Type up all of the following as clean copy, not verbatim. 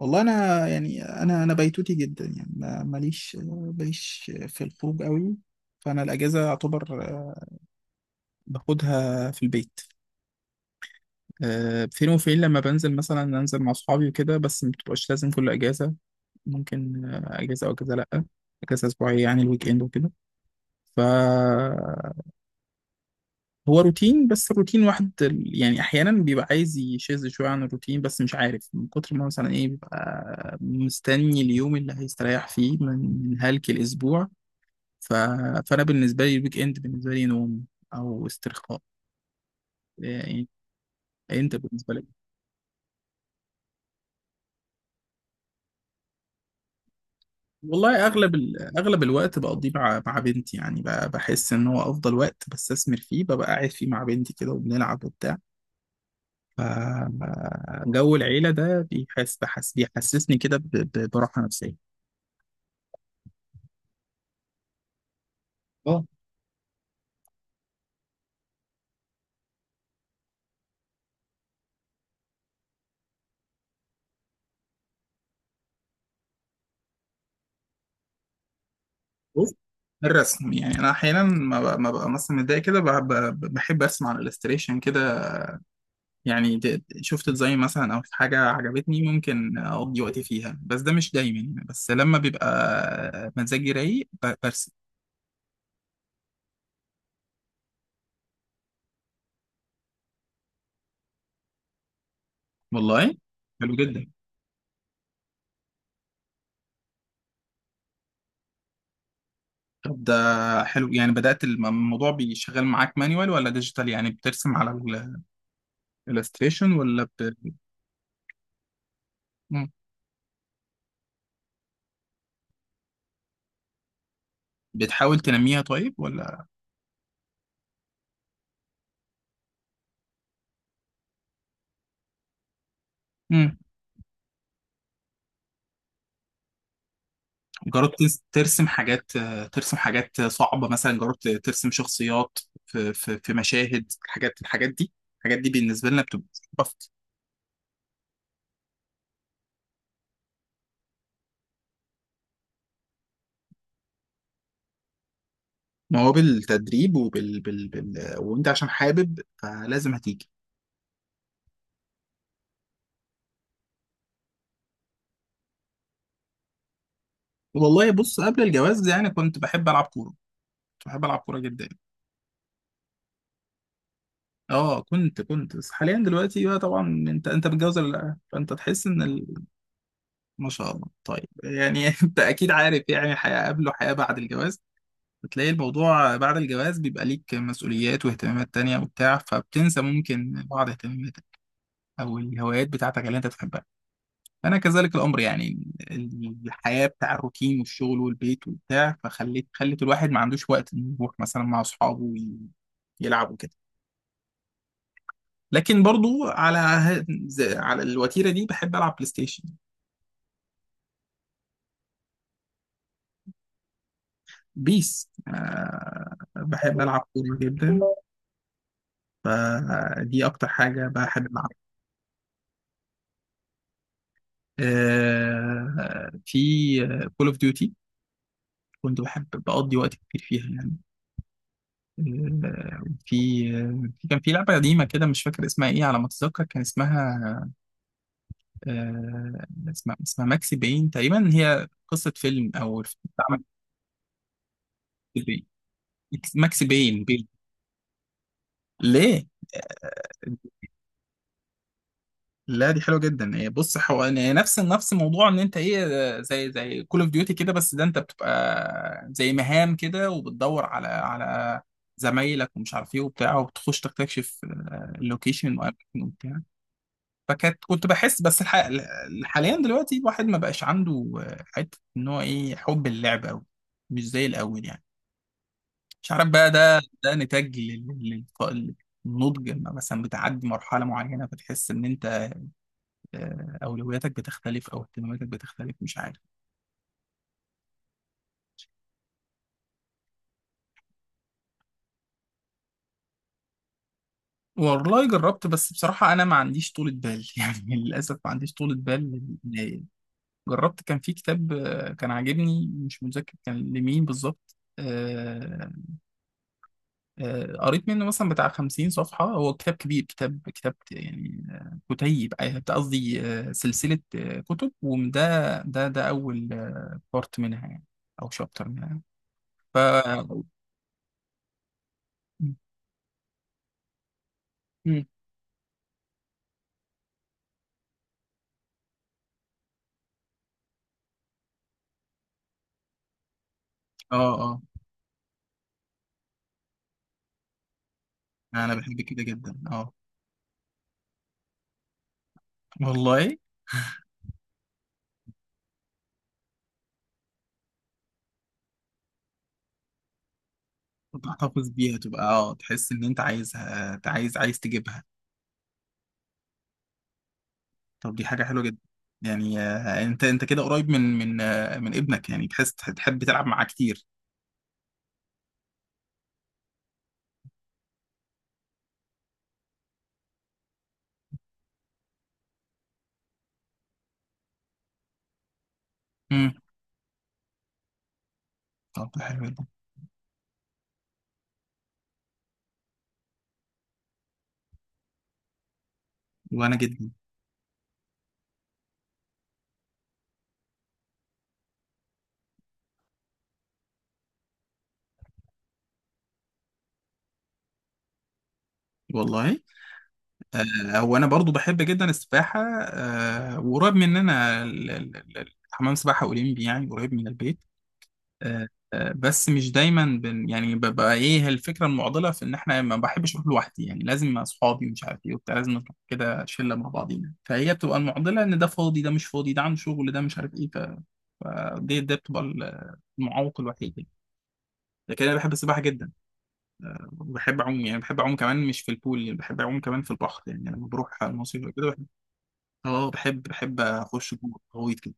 والله انا يعني انا بيتوتي جدا، يعني ماليش في الخروج قوي. فانا الاجازه اعتبر باخدها في البيت. فين وفين، لما بنزل مثلا انزل مع اصحابي وكده، بس ما بتبقاش لازم كل اجازه. ممكن اجازه او اجازه لا. اجازه اسبوعيه، يعني الويك اند وكده. ف هو روتين، بس الروتين واحد يعني احيانا بيبقى عايز يشذ شويه عن الروتين، بس مش عارف من كتر ما مثلا ايه بيبقى مستني اليوم اللي هيستريح فيه من هلك الاسبوع. ف... فانا بالنسبه لي الويك اند بالنسبه لي نوم، او استرخاء يعني. انت بالنسبه لك؟ والله اغلب الوقت بقضيه مع بنتي، يعني بحس ان هو افضل وقت بستثمر فيه، ببقى قاعد فيه مع بنتي كده وبنلعب وبتاع. ف- جو العيله ده بيحسسني كده براحه نفسيه. اه. بص، الرسم، يعني انا احيانا ما ببقى مثلا متضايق كده، بحب ارسم على الالستريشن كده. يعني شفت ديزاين مثلا او حاجه عجبتني، ممكن اقضي وقتي فيها، بس ده مش دايما يعني، بس لما بيبقى مزاجي رايق برسم. والله حلو جدا. طب ده حلو، يعني بدأت الموضوع بيشغل معاك مانيوال ولا ديجيتال؟ يعني بترسم على الالستريشن ولا؟ مم. بتحاول تنميها طيب ولا؟ مم. ترسم حاجات؟ ترسم حاجات صعبة مثلا، جربت ترسم شخصيات في مشاهد؟ الحاجات دي، الحاجات دي بالنسبة لنا بتبقى صعبة. ما هو بالتدريب، وانت عشان حابب فلازم هتيجي. والله بص، قبل الجواز يعني كنت بحب العب كوره، كنت بحب العب كوره جدا. اه كنت بس حاليا دلوقتي بقى. طبعا انت متجوز ولا لا؟ فانت تحس ان... ما شاء الله، طيب يعني انت اكيد عارف يعني حياه قبل وحياه بعد الجواز. بتلاقي الموضوع بعد الجواز بيبقى ليك مسؤوليات واهتمامات تانية وبتاع، فبتنسى ممكن بعض اهتماماتك او الهوايات بتاعتك اللي انت تحبها. انا كذلك الامر يعني. الحياه بتاع الروتين والشغل والبيت وبتاع خلت الواحد ما عندوش وقت انه يروح مثلا مع اصحابه يلعب وكده. لكن برضو على على الوتيره دي بحب العب بلاي ستيشن. بيس، بحب العب كوره جدا، فدي اكتر حاجه بحب العبها. في كول اوف ديوتي، كنت بحب بقضي وقت كتير فيها يعني. آه، في كان في لعبة قديمة كده، مش فاكر اسمها ايه. على ما اتذكر كان اسمها، آه، اسمها ماكسي باين تقريبا، هي قصة فيلم، او الفيلم بتاع ماكسي باين. ماكسي باين. ليه؟ آه، لا دي حلوه جدا. هي بص، هو يعني نفس موضوع ان انت ايه، زي كول اوف ديوتي كده، بس ده انت بتبقى زي مهام كده، وبتدور على زمايلك ومش عارف ايه وبتاع، وبتخش تكتشف اللوكيشن وأماكن وبتاع. فكانت كنت بحس، حاليا دلوقتي الواحد ما بقاش عنده حته ان هو ايه حب اللعب قوي، مش زي الاول يعني. مش عارف بقى، ده نتاج لل- للنضج. لما مثلا بتعدي مرحله معينه فتحس ان انت اولوياتك بتختلف، او اهتماماتك بتختلف، مش عارف. والله جربت، بس بصراحه انا ما عنديش طولة بال يعني، للاسف ما عنديش طولة بال جربت. كان في كتاب كان عاجبني، مش متذكر كان لمين بالظبط. قريت منه مثلا بتاع 50 صفحة. هو كتاب كبير، كتاب يعني، كتيب، قصدي سلسلة كتب، وده ده أول بارت منها يعني، أو شابتر منها. ف مم. اه اه. أنا بحب كده جدا، اه. والله. تحتفظ بيها تبقى، اه، تحس إن أنت عايزها، أنت عايز تجيبها. طب دي حاجة حلوة جدا. يعني أنت كده قريب من ابنك، يعني تحس تحب تلعب معاه كتير. مم. طب ده حلو جدا. وأنا جدا. والله هو انا برضو بحب جدا السباحه، وقريب مننا حمام سباحه اولمبي، يعني قريب من البيت. آه، بس مش دايما يعني ببقى ايه، الفكره المعضله في ان احنا ما بحبش اروح لوحدي، يعني لازم مع اصحابي ومش عارف ايه وبتاع، لازم نروح كده شله مع بعضينا. فهي بتبقى المعضله، ان ده فاضي ده مش فاضي، ده عنده شغل، ده مش عارف ايه. فدي ده بتبقى المعوق الوحيد يعني. لكن انا بحب السباحه جدا، بحب اعوم يعني، بحب اعوم كمان مش في البول، يعني بحب اعوم كمان في البحر، يعني لما بروح المصيف كده بحب. اه بحب اخش جوه غويط كده.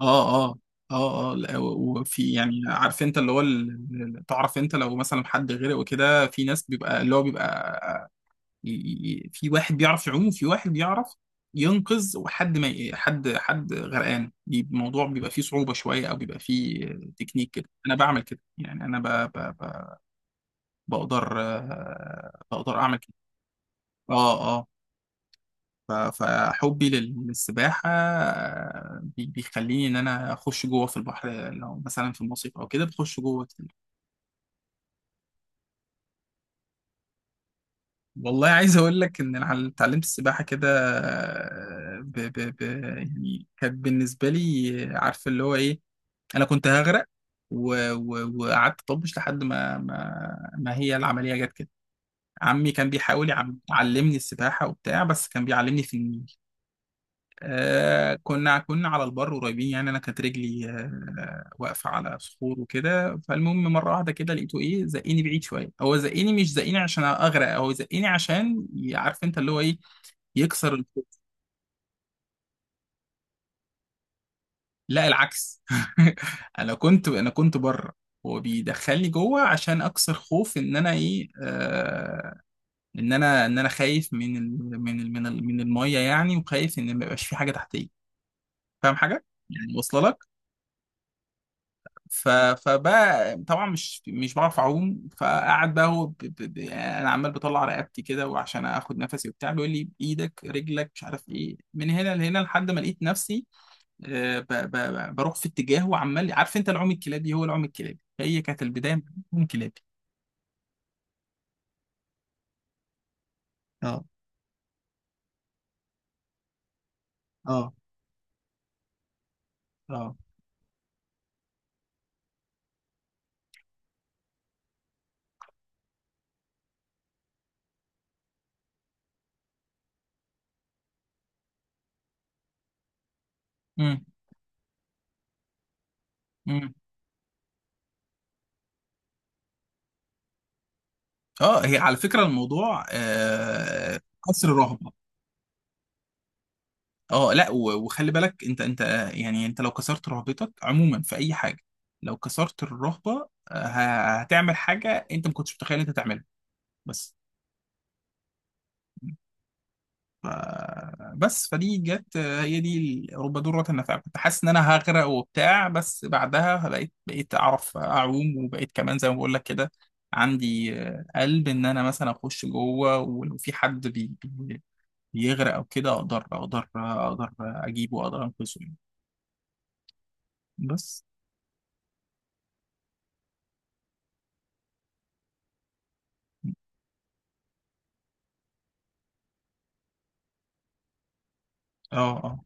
اه اه. اه اه. لا، وفي يعني، عارف انت اللي هو تعرف انت لو مثلا حد غرق وكده، في ناس بيبقى اللي هو بيبقى ي- في واحد بيعرف يعوم، وفي واحد بيعرف ينقذ. وحد ما ي- حد غرقان الموضوع بيبقى فيه صعوبة شوية، او بيبقى فيه تكنيك كده. انا بعمل كده يعني، انا بقدر، بقدر اعمل. اه اه. ف- فحبي للسباحة بيخليني إن أنا أخش جوه في البحر، لو مثلا في المصيف أو كده بخش جوه كتير. والله عايز أقول لك إن أنا اتعلمت السباحة كده، ب ب ب يعني كانت بالنسبة لي عارف اللي هو إيه، أنا كنت هغرق. وقعدت طبش لحد ما هي العملية جت كده. عمي كان بيحاول يعلمني السباحة وبتاع، بس كان بيعلمني في النيل. كنا على البر قريبين يعني، انا كانت رجلي واقفه على صخور وكده. فالمهم مره واحده كده لقيته ايه، زقني بعيد شويه. هو زقني مش زقني عشان اغرق، هو زقني عشان عارف انت اللي هو ايه، يكسر الخوف. لا العكس. انا كنت بره، هو بيدخلني جوه عشان اكسر خوف ان انا ايه. ان انا خايف من ال من ال من ال من الميه يعني، وخايف ان ما يبقاش في حاجه تحتيه. فاهم حاجه؟ يعني واصله لك. فبقى طبعا مش بعرف اعوم، فقعد بقى هو يعني انا عمال بطلع رقبتي كده وعشان اخد نفسي وبتاع، بيقول لي بايدك رجلك مش عارف ايه، من هنا لهنا، لحد ما لقيت نفسي بروح في اتجاه، وعمال، عارف انت العوم الكلابي، هو العوم الكلابي هي كانت البدايه من. العوم الكلابي. اه اه. اه اه. امم. امم. اه هي على فكره الموضوع قصر رهبه. اه لا، وخلي بالك، انت يعني انت لو كسرت رهبتك عموما في اي حاجه، لو كسرت الرهبه هتعمل حاجه انت ما كنتش متخيل انت تعملها، بس. ف... بس فدي جت، هي دي رب ضارة نافعة. كنت حاسس ان انا هغرق وبتاع، بس بعدها بقيت اعرف اعوم، وبقيت كمان زي ما بقول لك كده عندي قلب ان انا مثلا اخش جوه، ولو في حد بيغرق او كده اقدر اجيبه، واقدر انقذه يعني. بس. اه اه.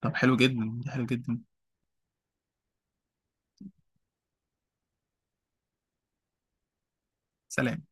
طب حلو جدا، حلو جدا. سلام.